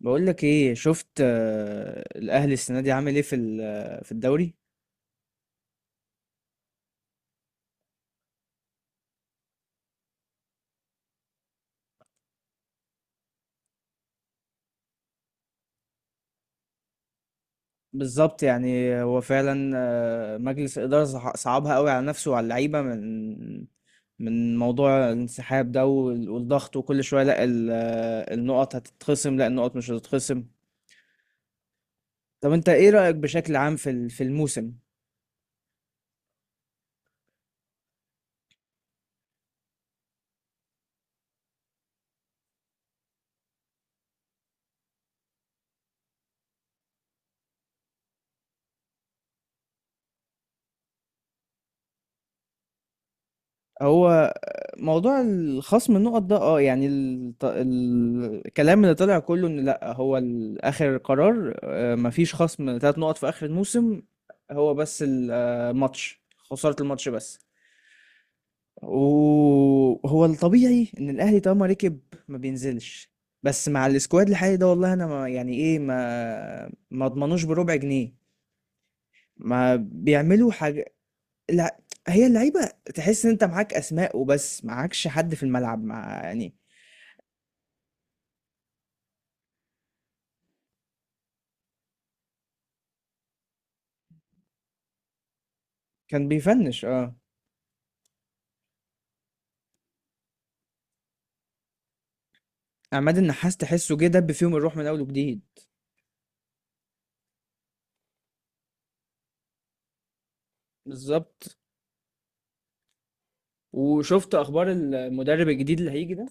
بقول لك ايه؟ شفت، الاهلي السنه دي عامل ايه في في الدوري؟ بالظبط. يعني هو فعلا، مجلس الاداره صعبها قوي على نفسه وعلى اللعيبه من موضوع الانسحاب ده والضغط. وكل شويه لا النقط هتتخصم، لا النقط مش هتتخصم. طب انت ايه رايك بشكل عام في في الموسم؟ هو موضوع الخصم النقط ده، اه يعني الكلام اللي طلع كله، ان لا هو اخر قرار، مفيش خصم 3 نقط في اخر الموسم. هو بس الماتش، خسارة الماتش بس. وهو الطبيعي ان الاهلي طالما ركب ما بينزلش. بس مع السكواد الحالي ده والله انا ما، يعني ايه، ما اضمنوش بربع جنيه. ما بيعملوا حاجة. لأ، هي اللعيبة تحس إن أنت معاك أسماء وبس، معاكش حد في الملعب مع، يعني. كان بيفنِّش. عماد النحاس تحسّه جه دَب فيهم الروح من أول وجديد. بالضبط. وشُفت أخبار المدرب الجديد اللي هييجي ده؟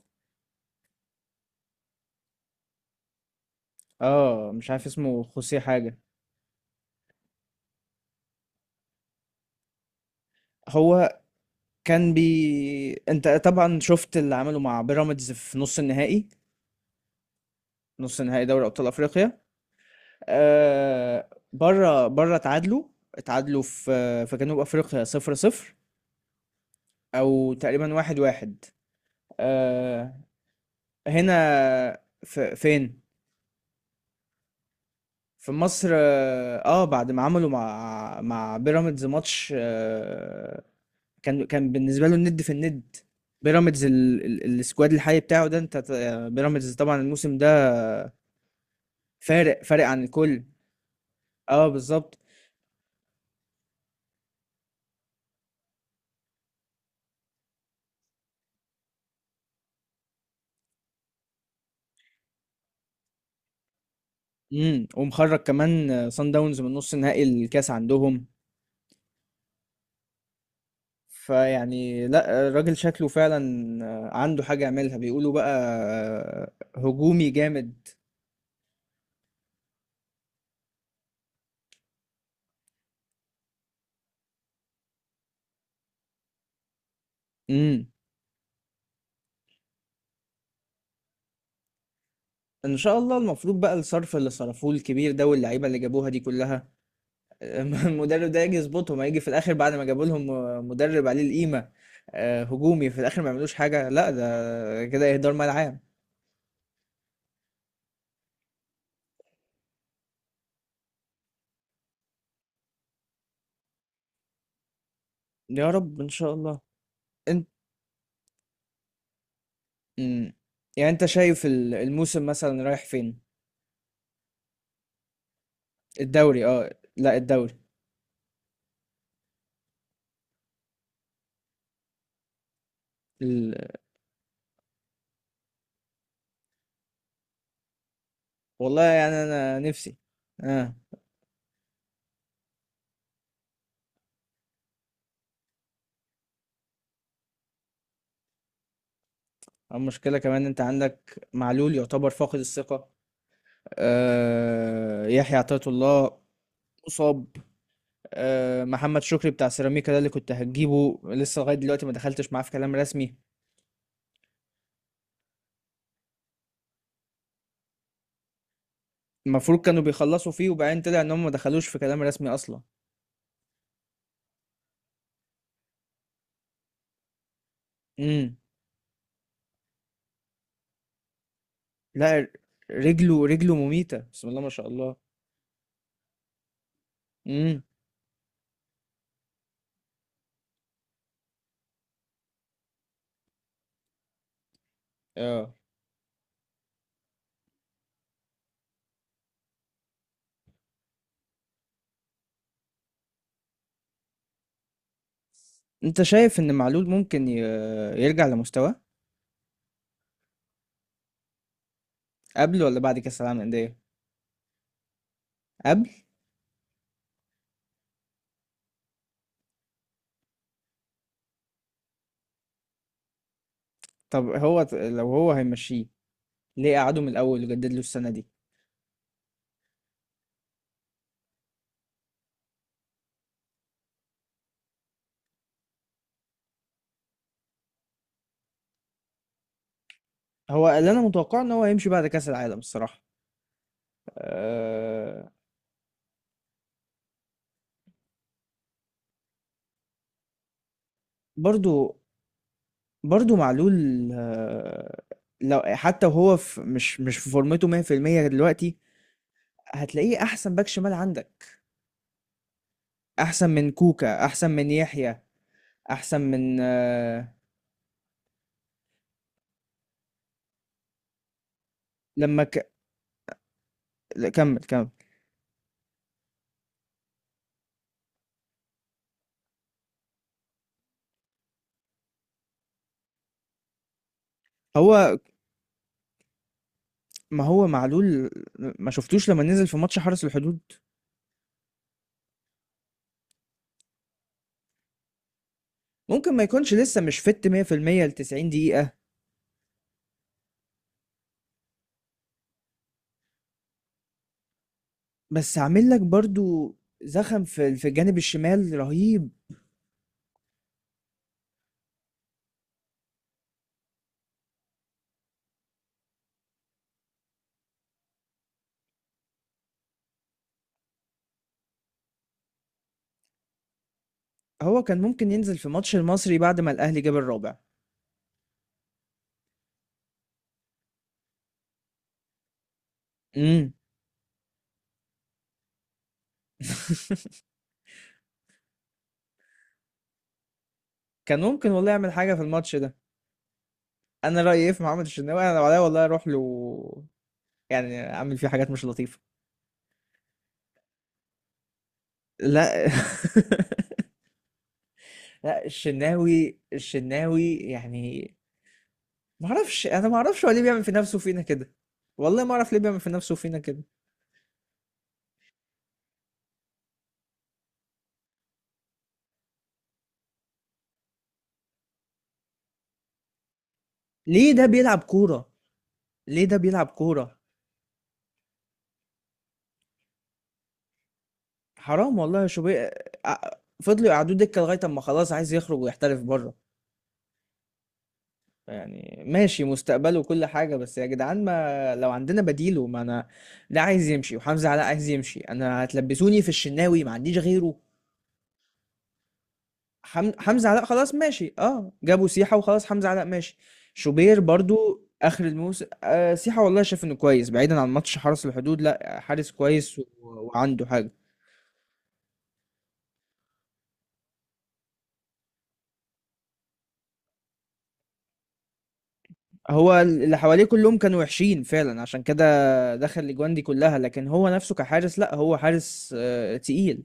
مش عارف اسمه خوسيه حاجة. هو كان بي، أنت طبعًا شُفت اللي عمله مع بيراميدز في نُص النهائي، نُص نهائي دوري أبطال أفريقيا. برّه اتعادلوا، اتعادلوا في جنوب أفريقيا 0-0، أو تقريبًا 1-1. آه، هنا. في فين؟ في مصر. بعد ما عملوا مع بيراميدز ماتش، كان بالنسبه له الند في الند. بيراميدز السكواد الحالي بتاعه ده، انت بيراميدز طبعا الموسم ده فارق عن الكل. اه بالظبط. ومخرج كمان، صن داونز من نص نهائي الكاس عندهم. فيعني لا، الراجل شكله فعلا عنده حاجه يعملها بيقولوا بقى. آه، هجومي جامد. امم ان شاء الله. المفروض بقى الصرف اللي صرفوه الكبير ده واللعيبه اللي جابوها دي كلها المدرب ده يجي يظبطهم، هيجي في الاخر بعد ما جابوا لهم مدرب عليه القيمه، هجومي، في الاخر ما يعملوش حاجه؟ لا ده كده اهدار مال عام. يا رب ان شاء الله. انت مم. يعني انت شايف الموسم مثلا رايح فين؟ الدوري، اه لا الدوري ال... والله يعني انا نفسي، اه. المشكله كمان، انت عندك معلول يعتبر فاقد الثقه، يحيى عطية الله مصاب، محمد شكري بتاع سيراميكا ده اللي كنت هتجيبه لسه لغاية دلوقتي ما دخلتش معاه في كلام رسمي. المفروض كانوا بيخلصوا فيه وبعدين طلع ان هم ما دخلوش في كلام رسمي اصلا. امم لا رجله مميتة، بسم الله ما شاء الله. امم اه انت شايف ان معلول ممكن يرجع لمستواه؟ قبل ولا بعد كاس العالم للأندية؟ قبل. طب هو، لو هو هيمشيه ليه قعده من الاول وجدد له السنة دي؟ هو اللي انا متوقع ان هو هيمشي بعد كاس العالم الصراحة. أه. برضو، برضو معلول، آه، لو حتى وهو في، مش في فورمته 100% دلوقتي، هتلاقيه احسن باك شمال عندك. احسن من كوكا، احسن من يحيى، احسن من لما لا، كمل كمل. هو ما هو معلول، ما شفتوش لما نزل في ماتش حرس الحدود؟ ممكن ما يكونش لسه مش فت 100% ل 90 دقيقة. بس عامل لك برضو زخم في الجانب الشمال رهيب. هو كان ممكن ينزل في ماتش المصري بعد ما الاهلي جاب الرابع. امم كان ممكن والله يعمل حاجة في الماتش ده. انا رأيي ايه في محمد الشناوي؟ انا لو عليا والله اروح له، يعني اعمل فيه حاجات مش لطيفة. لا لا. الشناوي يعني. ما اعرفش. انا ما اعرفش هو ليه بيعمل في نفسه فينا كده. والله ما اعرف ليه بيعمل في نفسه فينا كده. ليه ده بيلعب كورة؟ ليه ده بيلعب كورة؟ حرام والله يا شوبير. فضلوا يقعدوه دكة لغاية اما خلاص عايز يخرج ويحترف بره. يعني ماشي مستقبله وكل حاجة، بس يا جدعان ما لو عندنا بديله. ما انا ده عايز يمشي، وحمزة علاء عايز يمشي، انا هتلبسوني في الشناوي ما عنديش غيره. حمزة علاء خلاص ماشي. اه جابوا سيحة وخلاص حمزة علاء ماشي. شوبير برضو اخر الموسم. سيحة والله شايف انه كويس، بعيدا عن ماتش حرس الحدود، لا حارس كويس وعنده حاجة. هو اللي حواليه كلهم كانوا وحشين فعلا، عشان كده دخل الاجوان دي كلها. لكن هو نفسه كحارس، لا هو حارس تقيل،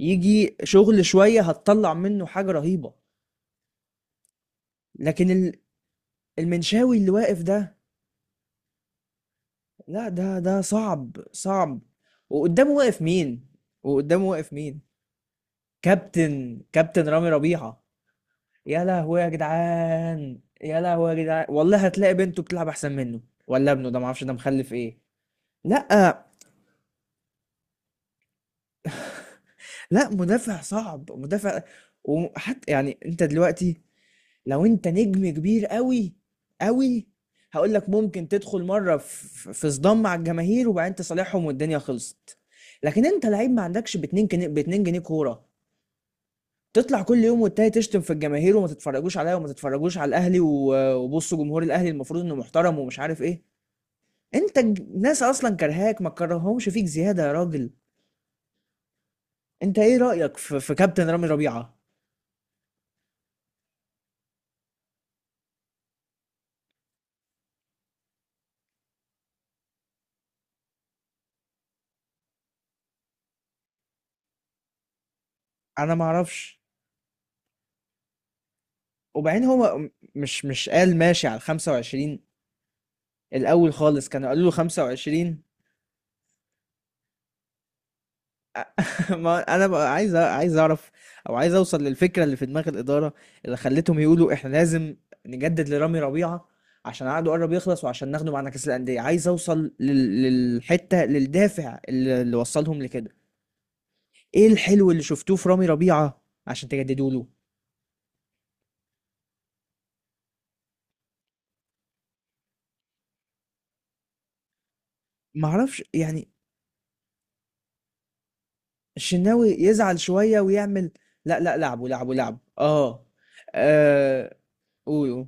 يجي شغل شوية هتطلع منه حاجة رهيبة. لكن المنشاوي اللي واقف ده، لا ده صعب صعب. وقدامه واقف مين؟ وقدامه واقف مين؟ كابتن رامي ربيعة. يا لهوي يا جدعان، يا لهوي يا جدعان. والله هتلاقي بنته بتلعب احسن منه، ولا ابنه، ده معرفش ده مخلف ايه. لا لا، مدافع صعب مدافع. وحتى يعني انت دلوقتي لو انت نجم كبير قوي قوي، هقول لك ممكن تدخل مره في صدام مع الجماهير وبعدين تصالحهم والدنيا خلصت. لكن انت لعيب ما عندكش ب 2 جنيه، ب 2 جنيه كوره، تطلع كل يوم والتاني تشتم في الجماهير وما تتفرجوش عليا وما تتفرجوش على الاهلي، وبصوا جمهور الاهلي المفروض انه محترم ومش عارف ايه. انت الناس اصلا كرهاك، ما كرههمش فيك زياده يا راجل. انت ايه رايك في كابتن رامي ربيعه؟ انا ما اعرفش. وبعدين هو، مش قال ماشي على 25؟ الاول خالص كانوا قالوا له 25. ما انا بقى عايز عايز اعرف، او عايز اوصل للفكره اللي في دماغ الاداره، اللي خلتهم يقولوا احنا لازم نجدد لرامي ربيعه عشان عقده قرب يخلص وعشان ناخده معانا كاس الانديه. عايز اوصل للحته، للدافع اللي وصلهم لكده. ايه الحلو اللي شفتوه في رامي ربيعه عشان تجددوا له؟ ما اعرفش يعني. الشناوي يزعل شويه ويعمل. لا لا، لعبوا اه. آه، قول قول.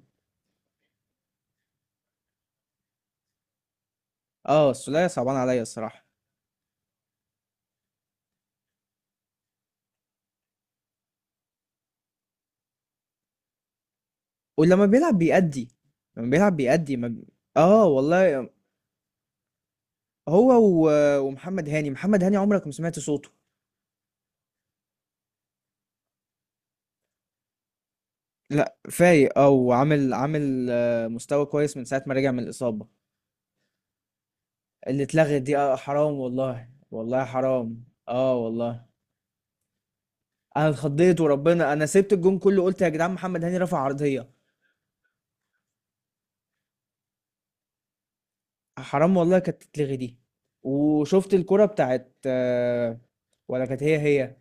اه السولية صعبان عليا الصراحه. ولما بيلعب بيأدي. لما بيلعب بيأدي ما بي... اه والله. هو ومحمد هاني، محمد هاني عمرك ما سمعت صوته. لا فايق، اه وعامل عامل آه، مستوى كويس من ساعة ما رجع من الإصابة. اللي اتلغت دي، حرام والله، والله حرام. اه والله. انا اتخضيت وربنا، انا سبت الجون كله قلت يا جدعان محمد هاني رفع عرضية. حرام والله كانت تتلغي دي. وشفت الكرة بتاعت ولا كانت هي هي؟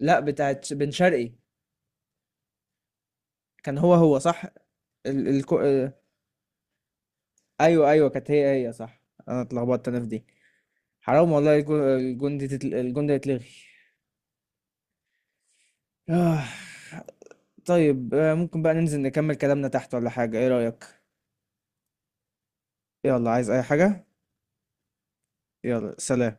لا بتاعت بن شرقي. كان هو هو صح؟ ال... الكو... آه، ايوه ايوه. كانت هي هي صح. انا اتلخبطت انا في دي. حرام والله. الجون ده يتلغي. آه. طيب. ممكن بقى ننزل نكمل كلامنا تحت ولا حاجة، ايه رأيك؟ يلا عايز اي حاجة. يلا سلام.